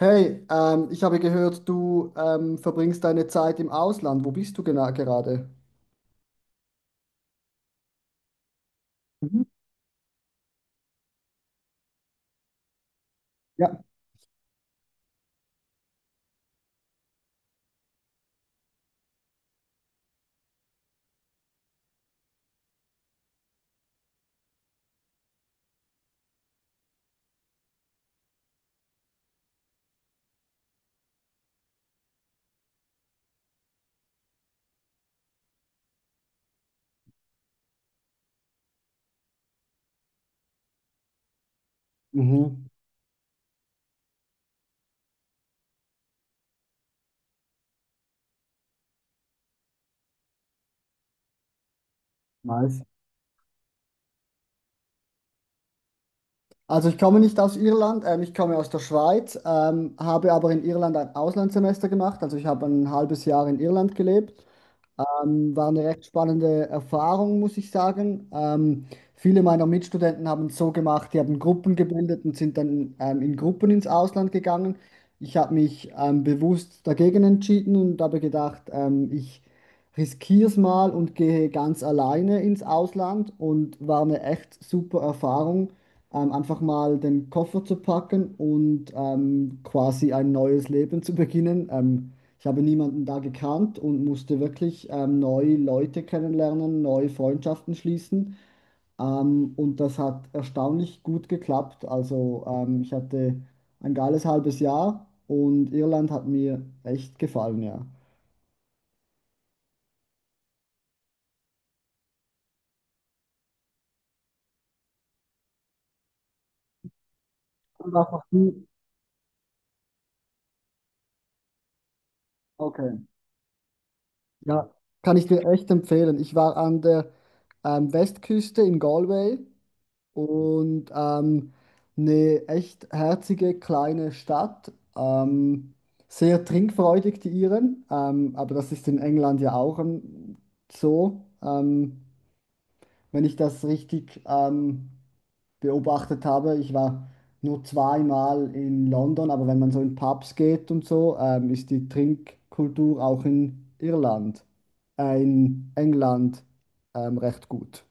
Hey, ich habe gehört, du verbringst deine Zeit im Ausland. Wo bist du genau gerade? Mhm. Ja. Mhm, nice. Also ich komme nicht aus Irland, ich komme aus der Schweiz, habe aber in Irland ein Auslandssemester gemacht. Also ich habe ein halbes Jahr in Irland gelebt. War eine recht spannende Erfahrung, muss ich sagen. Viele meiner Mitstudenten haben es so gemacht, die haben Gruppen gebildet und sind dann in Gruppen ins Ausland gegangen. Ich habe mich bewusst dagegen entschieden und habe gedacht, ich riskiere es mal und gehe ganz alleine ins Ausland und war eine echt super Erfahrung, einfach mal den Koffer zu packen und quasi ein neues Leben zu beginnen. Ich habe niemanden da gekannt und musste wirklich neue Leute kennenlernen, neue Freundschaften schließen. Und das hat erstaunlich gut geklappt. Also ich hatte ein geiles halbes Jahr und Irland hat mir echt gefallen, ja. Und auch noch die, okay, ja, kann ich dir echt empfehlen. Ich war an der Westküste in Galway und eine echt herzige kleine Stadt. Sehr trinkfreudig, die Iren, aber das ist in England ja auch so. Wenn ich das richtig beobachtet habe, ich war nur zweimal in London, aber wenn man so in Pubs geht und so, ist die Trinkkultur auch in Irland, in England recht gut.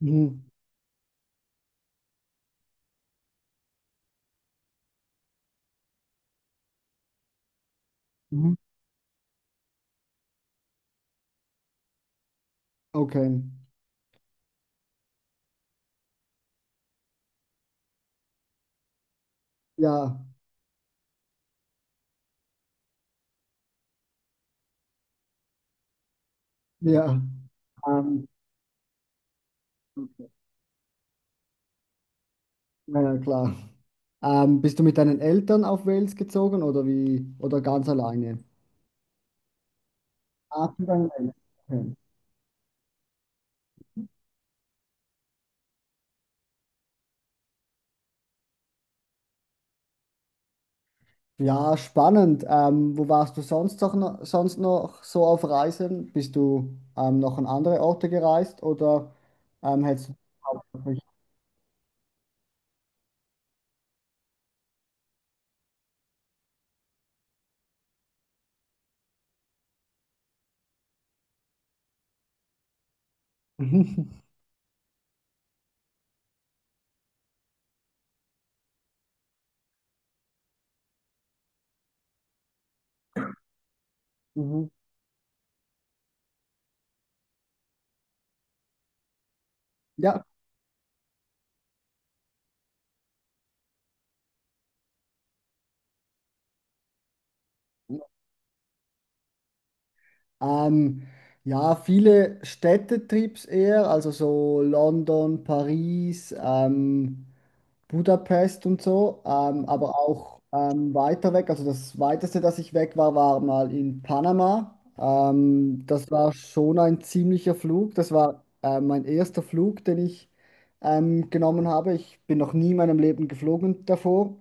Mhm. Mhm. Okay. Ja. Ja, ähm, na ja, klar. Bist du mit deinen Eltern auf Wales gezogen oder wie? Oder ganz alleine? Ah, mit deinen Eltern. Okay. Ja, spannend. Wo warst du sonst sonst noch so auf Reisen? Bist du noch an andere Orte gereist oder hättest du hauptsächlich? Mhm. Mhm. Ja. Ähm, ja, viele Städtetrips eher, also so London, Paris, Budapest und so, aber auch weiter weg. Also das weiteste, dass ich weg war, war mal in Panama. Das war schon ein ziemlicher Flug. Das war mein erster Flug, den ich genommen habe. Ich bin noch nie in meinem Leben geflogen davor.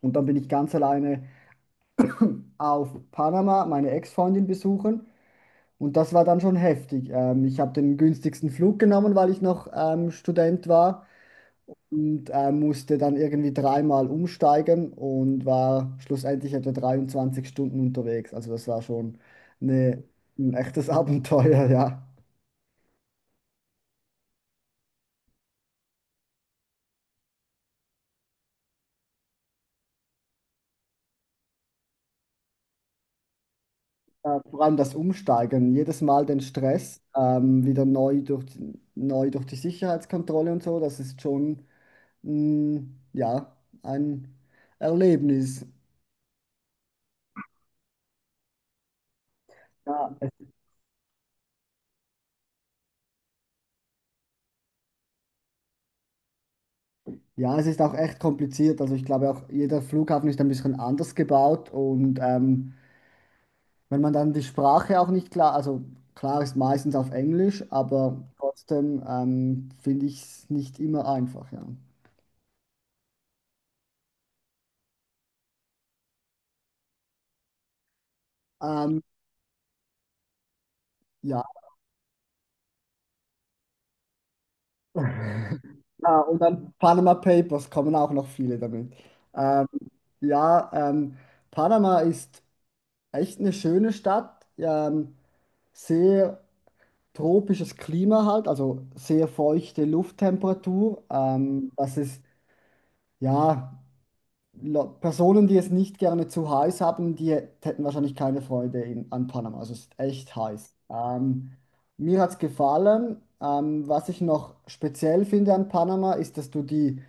Und dann bin ich ganz alleine auf Panama meine Ex-Freundin besuchen. Und das war dann schon heftig. Ich habe den günstigsten Flug genommen, weil ich noch Student war und musste dann irgendwie dreimal umsteigen und war schlussendlich etwa 23 Stunden unterwegs. Also das war schon eine, ein echtes Abenteuer, ja. Vor allem das Umsteigen, jedes Mal den Stress, wieder neu durch die Sicherheitskontrolle und so, das ist schon mh, ja, ein Erlebnis. Ja, es- Ja, es ist auch echt kompliziert. Also ich glaube auch, jeder Flughafen ist ein bisschen anders gebaut und wenn man dann die Sprache auch nicht klar, also klar ist meistens auf Englisch, aber trotzdem finde ich es nicht immer einfach, ja. Ähm, ja. Ja, und dann Panama Papers kommen auch noch viele damit. Ähm, ja, Panama ist echt eine schöne Stadt, sehr tropisches Klima halt, also sehr feuchte Lufttemperatur. Das ist, ja. La- Personen, die es nicht gerne zu heiß haben, die hätten wahrscheinlich keine Freude in, an Panama. Also es ist echt heiß. Mir hat es gefallen. Was ich noch speziell finde an Panama, ist, dass du die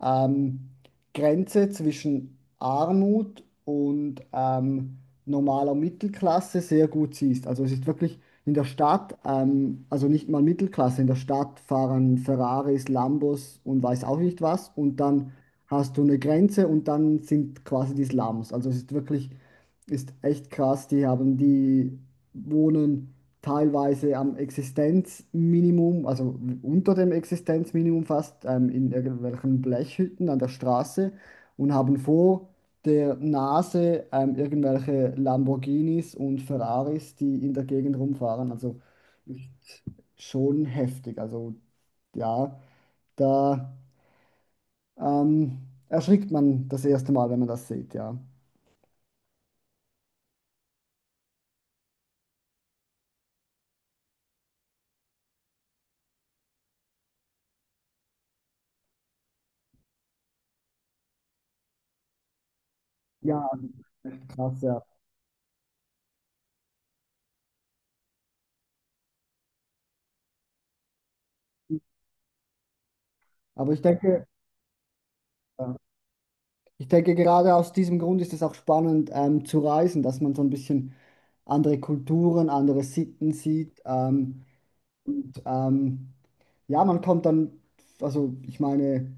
ähm, Grenze zwischen Armut und normaler Mittelklasse sehr gut siehst. Also es ist wirklich in der Stadt, also nicht mal Mittelklasse, in der Stadt fahren Ferraris, Lambos und weiß auch nicht was. Und dann hast du eine Grenze und dann sind quasi die Slums. Also es ist wirklich, ist echt krass. Die wohnen teilweise am Existenzminimum, also unter dem Existenzminimum fast, in irgendwelchen Blechhütten an der Straße und haben vor der Nase irgendwelche Lamborghinis und Ferraris, die in der Gegend rumfahren. Also ist schon heftig. Also ja, da erschrickt man das erste Mal, wenn man das sieht, ja. Ja, krass, ja. Aber ich denke, äh, Ich denke, gerade aus diesem Grund ist es auch spannend, zu reisen, dass man so ein bisschen andere Kulturen, andere Sitten sieht. Und ja, man kommt dann, also ich meine,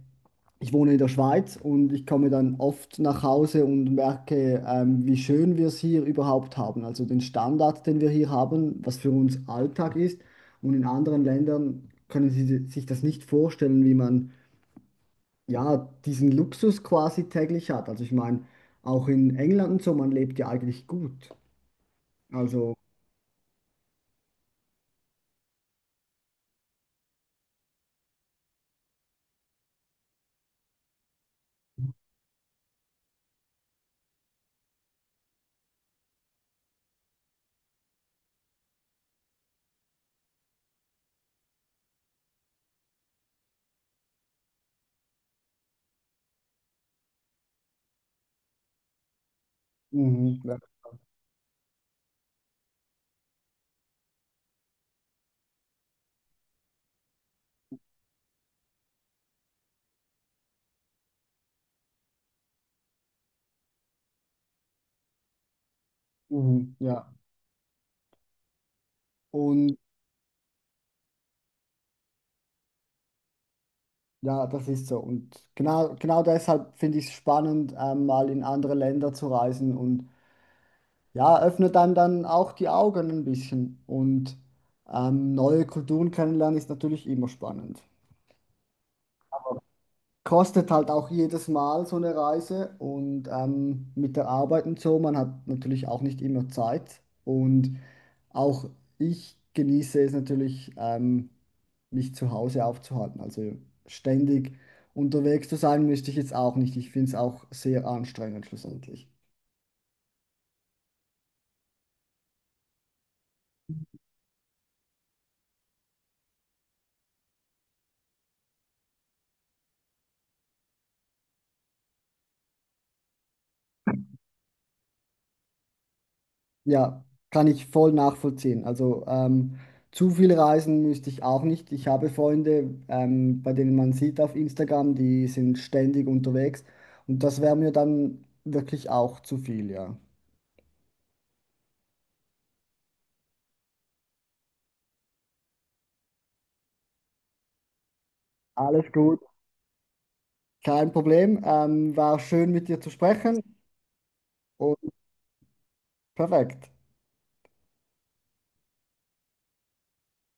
ich wohne in der Schweiz und ich komme dann oft nach Hause und merke, wie schön wir es hier überhaupt haben. Also den Standard, den wir hier haben, was für uns Alltag ist. Und in anderen Ländern können Sie sich das nicht vorstellen, wie man ja, diesen Luxus quasi täglich hat. Also ich meine, auch in England und so, man lebt ja eigentlich gut. Also, mhm, ja, mhm, ja. Und ja, das ist so. Und genau, genau deshalb finde ich es spannend, mal in andere Länder zu reisen und ja, öffnet einem dann auch die Augen ein bisschen. Und neue Kulturen kennenlernen ist natürlich immer spannend. Kostet halt auch jedes Mal so eine Reise und mit der Arbeit und so, man hat natürlich auch nicht immer Zeit und auch ich genieße es natürlich, mich zu Hause aufzuhalten, also ständig unterwegs zu sein, möchte ich jetzt auch nicht. Ich finde es auch sehr anstrengend schlussendlich. Ja, kann ich voll nachvollziehen. Also zu viel reisen müsste ich auch nicht. Ich habe Freunde, bei denen man sieht auf Instagram, die sind ständig unterwegs und das wäre mir dann wirklich auch zu viel, ja. Alles gut, kein Problem. War schön mit dir zu sprechen und perfekt.